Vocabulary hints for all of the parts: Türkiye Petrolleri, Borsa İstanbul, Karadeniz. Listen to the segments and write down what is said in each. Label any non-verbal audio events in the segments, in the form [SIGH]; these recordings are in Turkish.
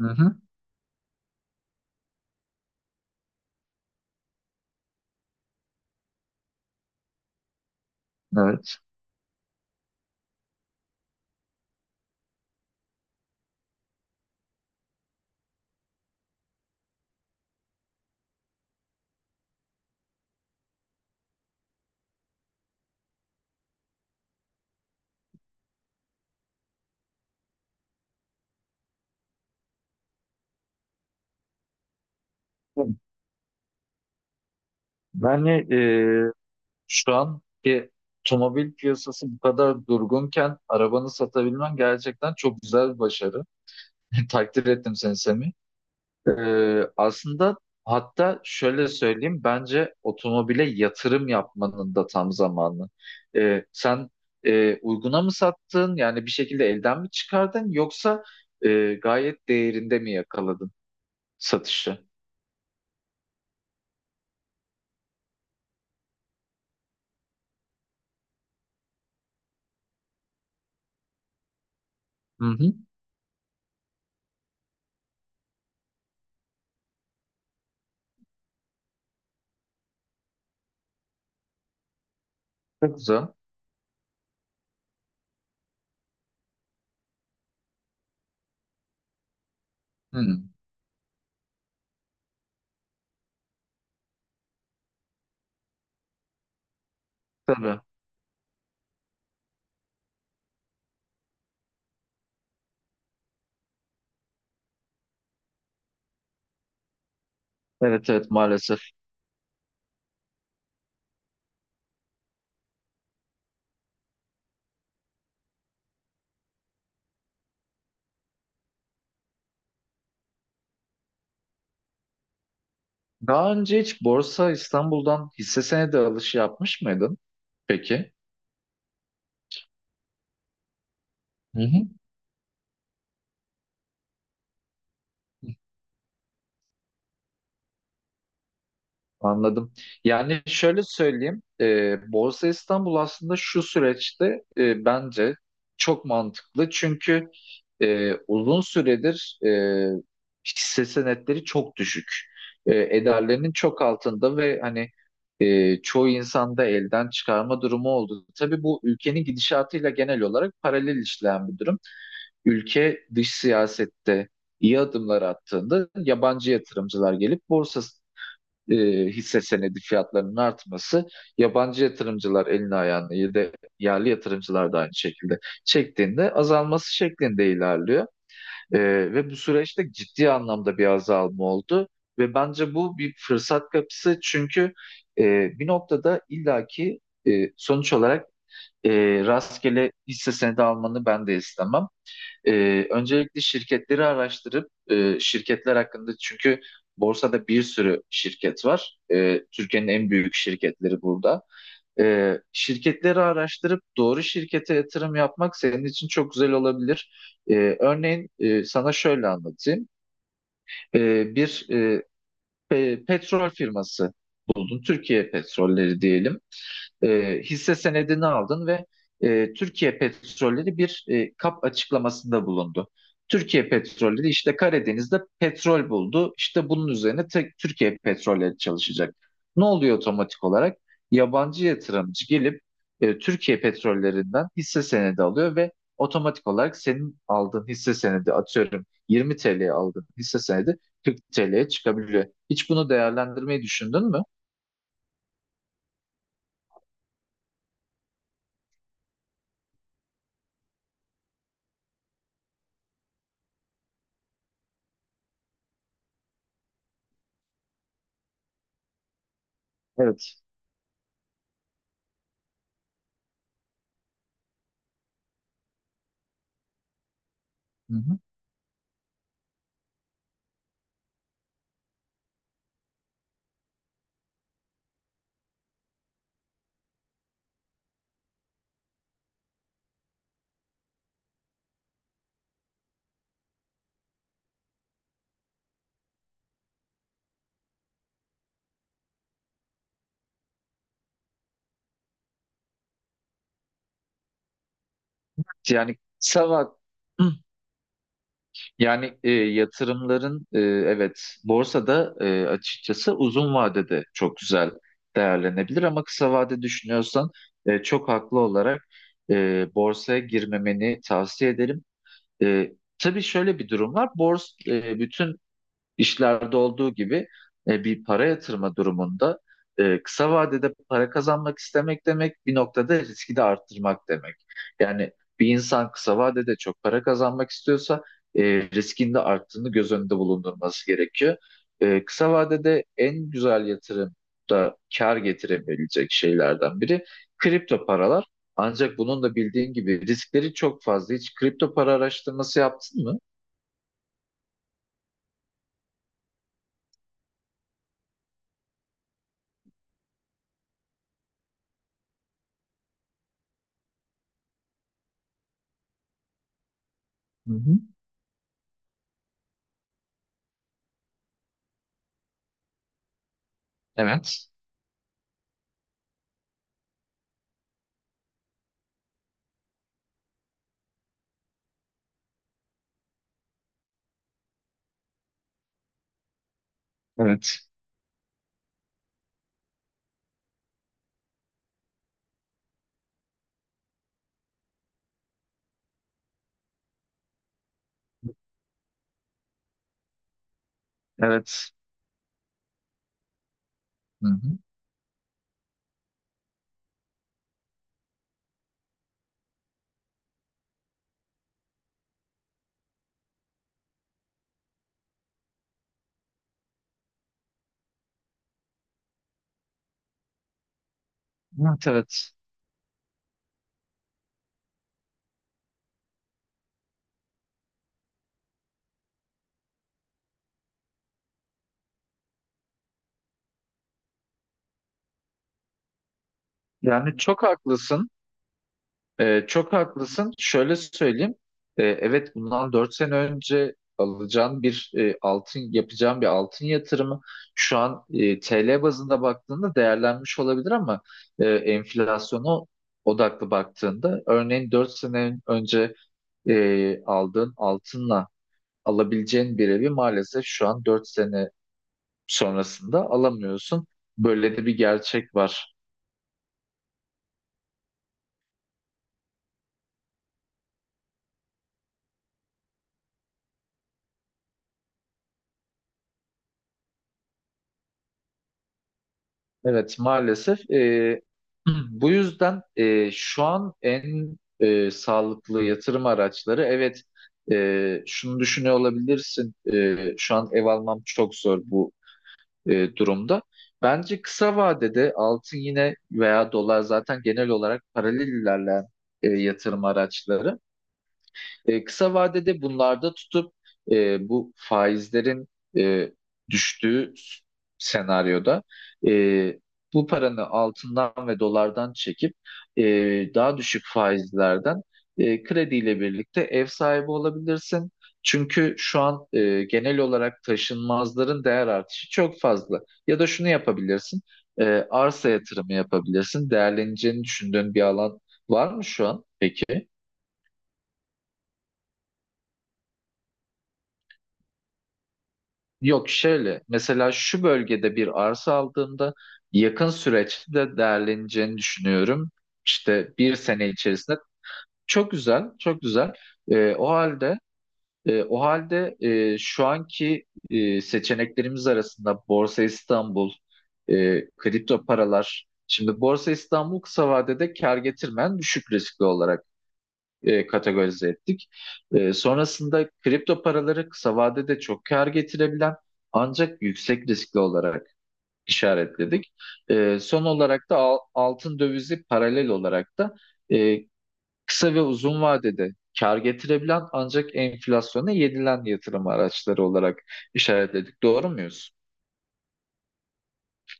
Hı hı, evet. Yani şu anki otomobil piyasası bu kadar durgunken arabanı satabilmen gerçekten çok güzel bir başarı. [LAUGHS] Takdir ettim seni Semih. E, aslında hatta şöyle söyleyeyim, bence otomobile yatırım yapmanın da tam zamanı. Sen uyguna mı sattın, yani bir şekilde elden mi çıkardın, yoksa gayet değerinde mi yakaladın satışı? Hı hı. Çok güzel. Hı, tabii. Evet, evet, maalesef. Daha önce hiç Borsa İstanbul'dan hisse senedi alışı yapmış mıydın? Peki. Hı hı. Anladım. Yani şöyle söyleyeyim, Borsa İstanbul aslında şu süreçte bence çok mantıklı. Çünkü uzun süredir hisse senetleri çok düşük. Ederlerinin çok altında ve hani çoğu insanda elden çıkarma durumu oldu. Tabii bu ülkenin gidişatıyla genel olarak paralel işleyen bir durum. Ülke dış siyasette iyi adımlar attığında yabancı yatırımcılar gelip borsa e, hisse senedi fiyatlarının artması, yabancı yatırımcılar elini ayağını ya da yerli yatırımcılar da aynı şekilde çektiğinde azalması şeklinde ilerliyor. E, ve bu süreçte ciddi anlamda bir azalma oldu. Ve bence bu bir fırsat kapısı. Çünkü e, bir noktada illaki sonuç olarak e, rastgele hisse senedi almanı ben de istemem. Öncelikle şirketleri araştırıp, şirketler hakkında, çünkü borsada bir sürü şirket var. Türkiye'nin en büyük şirketleri burada. Şirketleri araştırıp doğru şirkete yatırım yapmak senin için çok güzel olabilir. Örneğin sana şöyle anlatayım. Bir petrol firması buldun. Türkiye Petrolleri diyelim, hisse senedini aldın ve Türkiye Petrolleri bir kap açıklamasında bulundu. Türkiye Petrolleri işte Karadeniz'de petrol buldu. İşte bunun üzerine tek Türkiye Petrolleri çalışacak. Ne oluyor otomatik olarak? Yabancı yatırımcı gelip Türkiye Petrolleri'nden hisse senedi alıyor ve otomatik olarak senin aldığın hisse senedi, atıyorum 20 TL'ye aldığın hisse senedi, 40 TL'ye çıkabiliyor. Hiç bunu değerlendirmeyi düşündün mü? Evet. Hı hı. Yani kısa vak- yani yatırımların, evet, borsada açıkçası uzun vadede çok güzel değerlenebilir, ama kısa vade düşünüyorsan çok haklı olarak borsaya girmemeni tavsiye ederim. E, tabii şöyle bir durum var. Bütün İşlerde olduğu gibi bir para yatırma durumunda, kısa vadede para kazanmak istemek demek, bir noktada riski de arttırmak demek. Yani bir insan kısa vadede çok para kazanmak istiyorsa, e, riskin de arttığını göz önünde bulundurması gerekiyor. Kısa vadede en güzel yatırım da kar getirebilecek şeylerden biri kripto paralar. Ancak bunun da bildiğin gibi riskleri çok fazla. Hiç kripto para araştırması yaptın mı? Hı hı. Evet. Evet. Evet. Hı hı. Evet, evet. Yani çok haklısın. Çok haklısın. Şöyle söyleyeyim. Evet, bundan 4 sene önce alacağın bir altın, yapacağın bir altın yatırımı, şu an TL bazında baktığında değerlenmiş olabilir, ama enflasyona odaklı baktığında, örneğin 4 sene önce aldığın altınla alabileceğin bir evi maalesef şu an, 4 sene sonrasında alamıyorsun. Böyle de bir gerçek var. Evet, maalesef, [CLEARS THROAT] bu yüzden şu an en sağlıklı yatırım araçları, evet, şunu düşünüyor olabilirsin, şu an ev almam çok zor bu durumda. Bence kısa vadede altın yine veya dolar zaten genel olarak paralel ilerleyen yatırım araçları. Kısa vadede bunlarda tutup, bu faizlerin e, düştüğü senaryoda, e, bu paranı altından ve dolardan çekip, e, daha düşük faizlerden krediyle birlikte ev sahibi olabilirsin. Çünkü şu an genel olarak taşınmazların değer artışı çok fazla. Ya da şunu yapabilirsin, arsa yatırımı yapabilirsin. Değerleneceğini düşündüğün bir alan var mı şu an peki? Yok, şöyle mesela şu bölgede bir arsa aldığımda yakın süreçte de değerleneceğini düşünüyorum. İşte bir sene içerisinde. Çok güzel, çok güzel. Ee, o halde o halde şu anki seçeneklerimiz arasında Borsa İstanbul, kripto paralar. Şimdi Borsa İstanbul kısa vadede kar getirmeyen, düşük riskli olarak kategorize ettik. Sonrasında kripto paraları kısa vadede çok kar getirebilen ancak yüksek riskli olarak işaretledik. Son olarak da altın dövizi paralel olarak da e, kısa ve uzun vadede kar getirebilen ancak enflasyona yedilen yatırım araçları olarak işaretledik. Doğru muyuz?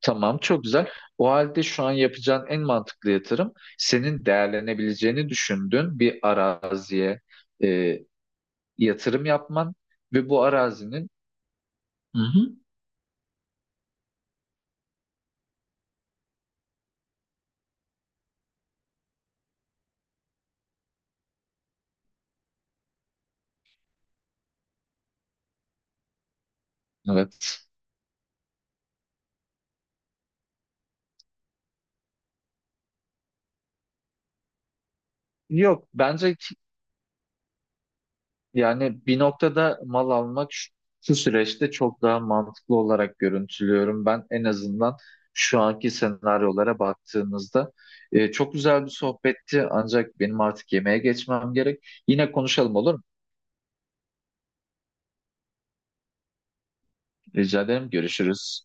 Tamam, çok güzel. O halde şu an yapacağın en mantıklı yatırım, senin değerlenebileceğini düşündüğün bir araziye e, yatırım yapman ve bu arazinin... Hı hı. Evet. Yok, bence yani bir noktada mal almak şu süreçte çok daha mantıklı olarak görüntülüyorum. Ben en azından şu anki senaryolara baktığımızda... Çok güzel bir sohbetti, ancak benim artık yemeğe geçmem gerek. Yine konuşalım, olur mu? Rica ederim. Görüşürüz.